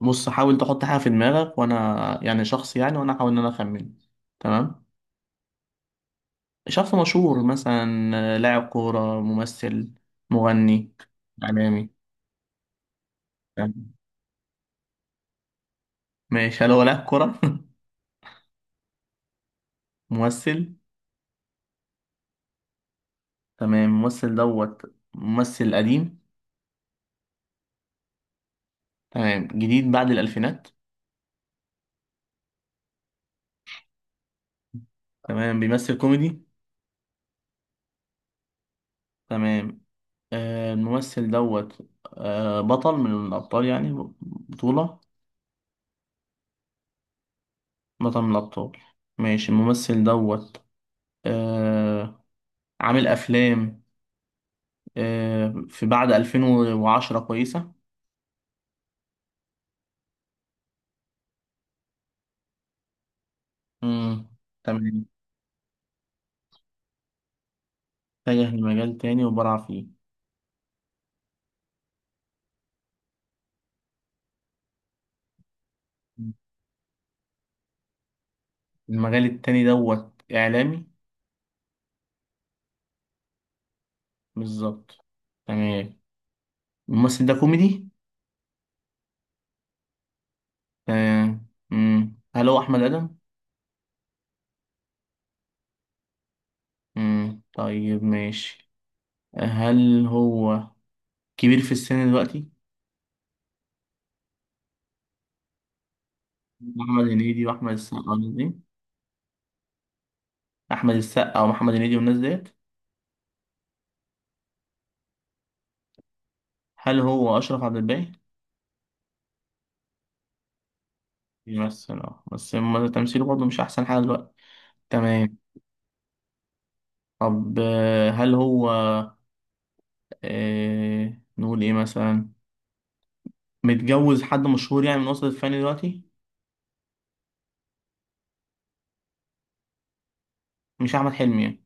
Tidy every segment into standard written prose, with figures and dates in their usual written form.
بص، حاول تحط حاجة في دماغك وأنا يعني شخص، يعني وأنا أحاول إن أنا أخمن. تمام. شخص مشهور مثلا. لاعب كورة ممثل. مغني. إعلامي. تمام. ماشي، هل هو لاعب كورة؟ ممثل. تمام، ممثل دوت. ممثل قديم. تمام، جديد بعد الألفينات. تمام، بيمثل كوميدي. تمام. الممثل دوت. بطل من الأبطال يعني. بطولة. بطل من الأبطال. ماشي، الممثل دوت. آه، عامل افلام. في بعد 2010 كويسه. امم. تمام. اتجه لمجال تاني وبرع فيه. المجال التاني دوت اعلامي. بالظبط. تمام. الممثل ده كوميدي. تمام. هل هو احمد ادم؟ طيب ماشي. هل هو كبير في السن دلوقتي؟ محمد هنيدي واحمد السقا والناس دي؟ احمد السقا ومحمد هنيدي والناس ديت. هل هو اشرف عبد الباقي؟ بيمثل بس تمثيله برضه مش احسن حاجه دلوقتي. تمام. طب هل هو؟ نقول ايه مثلا؟ متجوز حد مشهور يعني من وسط الفن دلوقتي؟ مش احمد حلمي يعني؟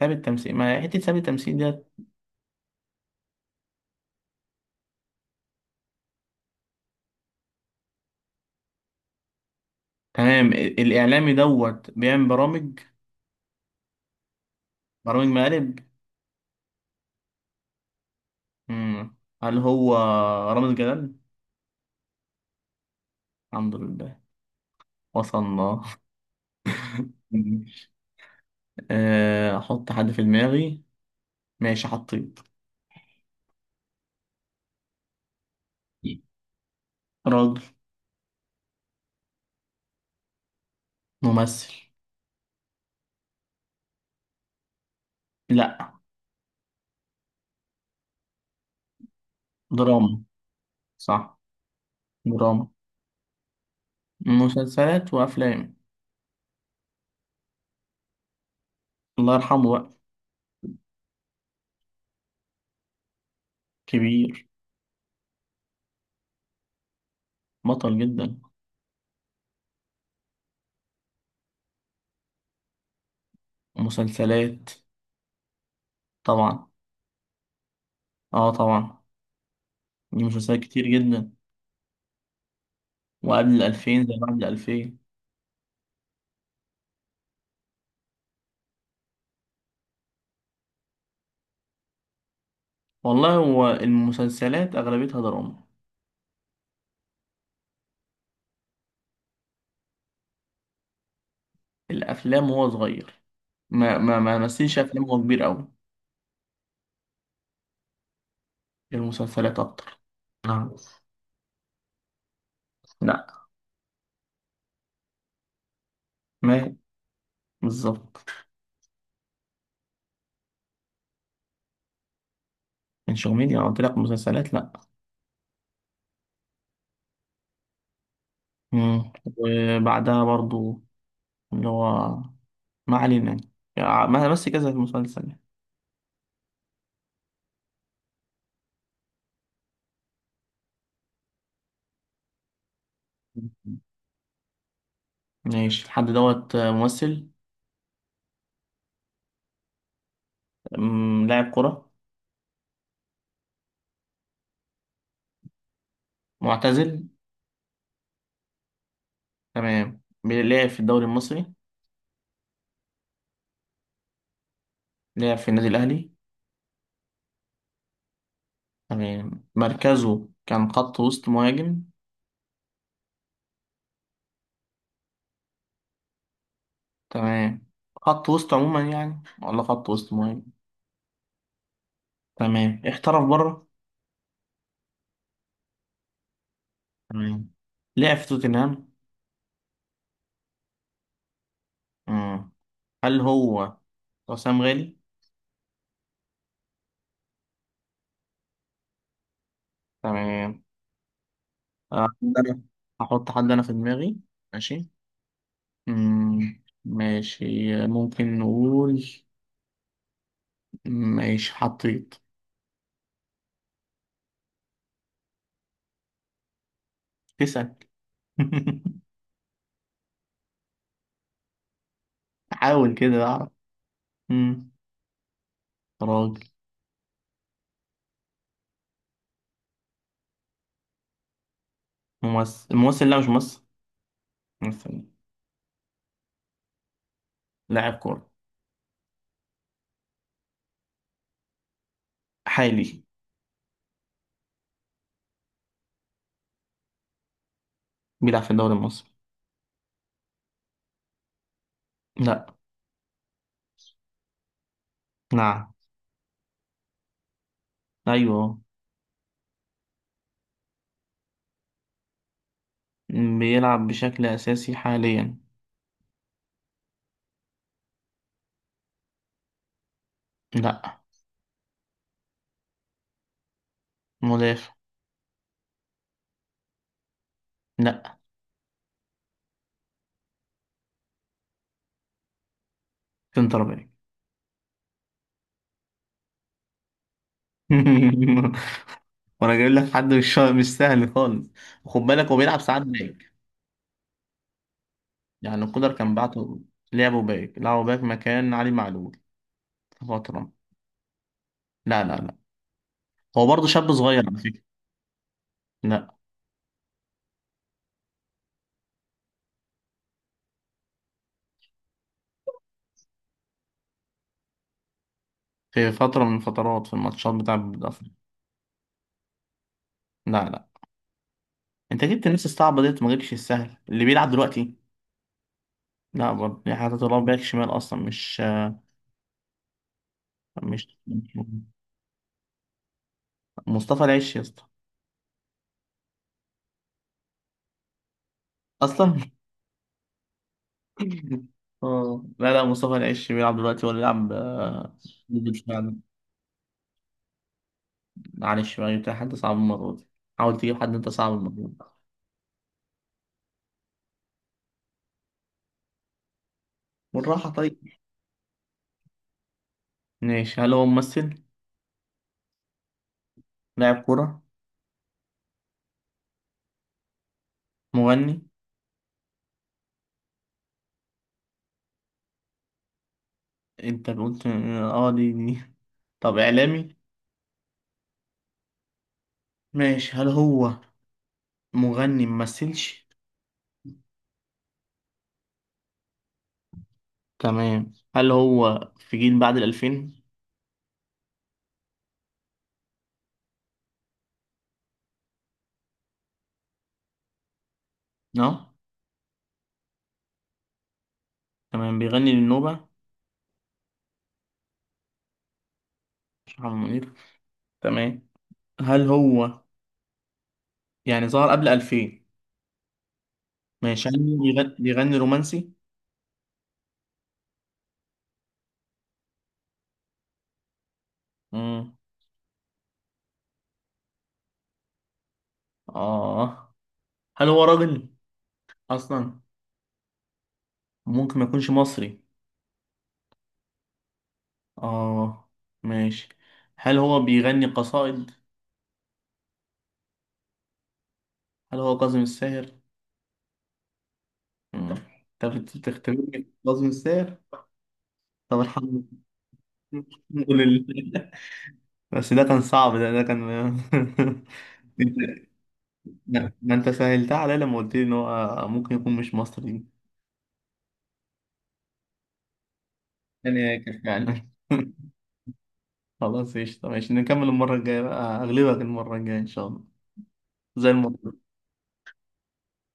ثابت تمثيل ما حته ثابت تمثيل ديت. تمام. الاعلامي دوت بيعمل برامج. برامج مقالب. مم. هل هو رامز جلال؟ الحمد لله، وصلنا. ماشي. احط حد في دماغي. ماشي، حطيت. راجل. ممثل. لا. دراما. صح. دراما. مسلسلات وافلام. الله يرحمه بقى. كبير. بطل جدا. مسلسلات. طبعا. اه طبعا. دي مسلسلات كتير جدا. وقبل الألفين زي ما قبل الألفين. والله هو المسلسلات أغلبيتها دراما. الأفلام وهو صغير. ما مثلش أفلام وهو كبير أوي. المسلسلات أكتر. نعم. لا. ما. بالظبط. من شغمين أنا قلت لك مسلسلات لا. وبعدها برضو، اللي هو، ما علينا. يعني بس كذا مسلسل. ماشي، الحد دوت ممثل. لاعب كرة. معتزل. تمام، لعب في الدوري المصري. لعب في النادي الأهلي. تمام، مركزه كان خط وسط مهاجم. تمام، خط وسط عموما يعني، ولا خط وسط مهاجم؟ تمام، احترف بره. تمام. لعب في توتنهام. مم. هل هو حسام غالي؟ تمام. أنا هحط حد أنا في دماغي. ماشي. مم. ماشي. ممكن نقول. ماشي، حطيت. تسأل. حاول كده اعرف. امم. راجل. ممثل؟ الممثل؟ لا، مش ممثل. ممثل. لاعب كورة. حالي. بيلعب في الدوري المصري. لا. نعم. ايوه. بيلعب بشكل اساسي حاليا. لا. مدافع. لا. سنتر باك. وانا جايب لك حد مش مش سهل خالص. وخد بالك هو بيلعب ساعات باك. يعني القدر كان بعته. لعبه باك مكان علي معلول. في فترة. لا لا لا. هو برضه شاب صغير على فكرة. لا. في فترة من الفترات في الماتشات بتاع. لا لا. انت جبت الناس الصعبة ديت، ما جبتش السهل اللي بيلعب دلوقتي. لا برضه يعني، حاطط الله باك شمال اصلا، مش مصطفى العش يا اسطى اصلا. اه، لا لا، مصطفى العش بيلعب دلوقتي ولا يلعب ضد الشمال. معلش بقى، جبت حد صعب المرة دي. حاول تجيب حد انت صعب المرة دي. بالراحة طيب. ماشي، هل هو ممثل؟ لاعب كورة؟ مغني؟ انت قلت. اه، دي. طب اعلامي؟ ماشي، هل هو مغني ممثلش؟ تمام. هل هو في جيل بعد الألفين؟ اه. تمام، بيغني للنوبة؟ مش محمد منير. تمام. هل هو، يعني ظهر قبل 2000. ماشي، هل هو بيغني رومانسي؟ مم. اه. هل هو راجل أصلا؟ ممكن ما يكونش مصري. اه، ماشي. هل هو بيغني قصائد؟ هل هو كاظم الساهر؟ مم. انت بتختبرني في كاظم الساهر؟ طب الحمد لله. الحمد لله. بس ده كان صعب، ده كان. ما انت سهلتها عليا لما قلت لي ان هو ممكن يكون مش مصري. يعني هيك فعلا. خلاص قشطة، ماشي نكمل المرة الجاية بقى، اغلبك المرة الجاية ان شاء الله. زي المرة.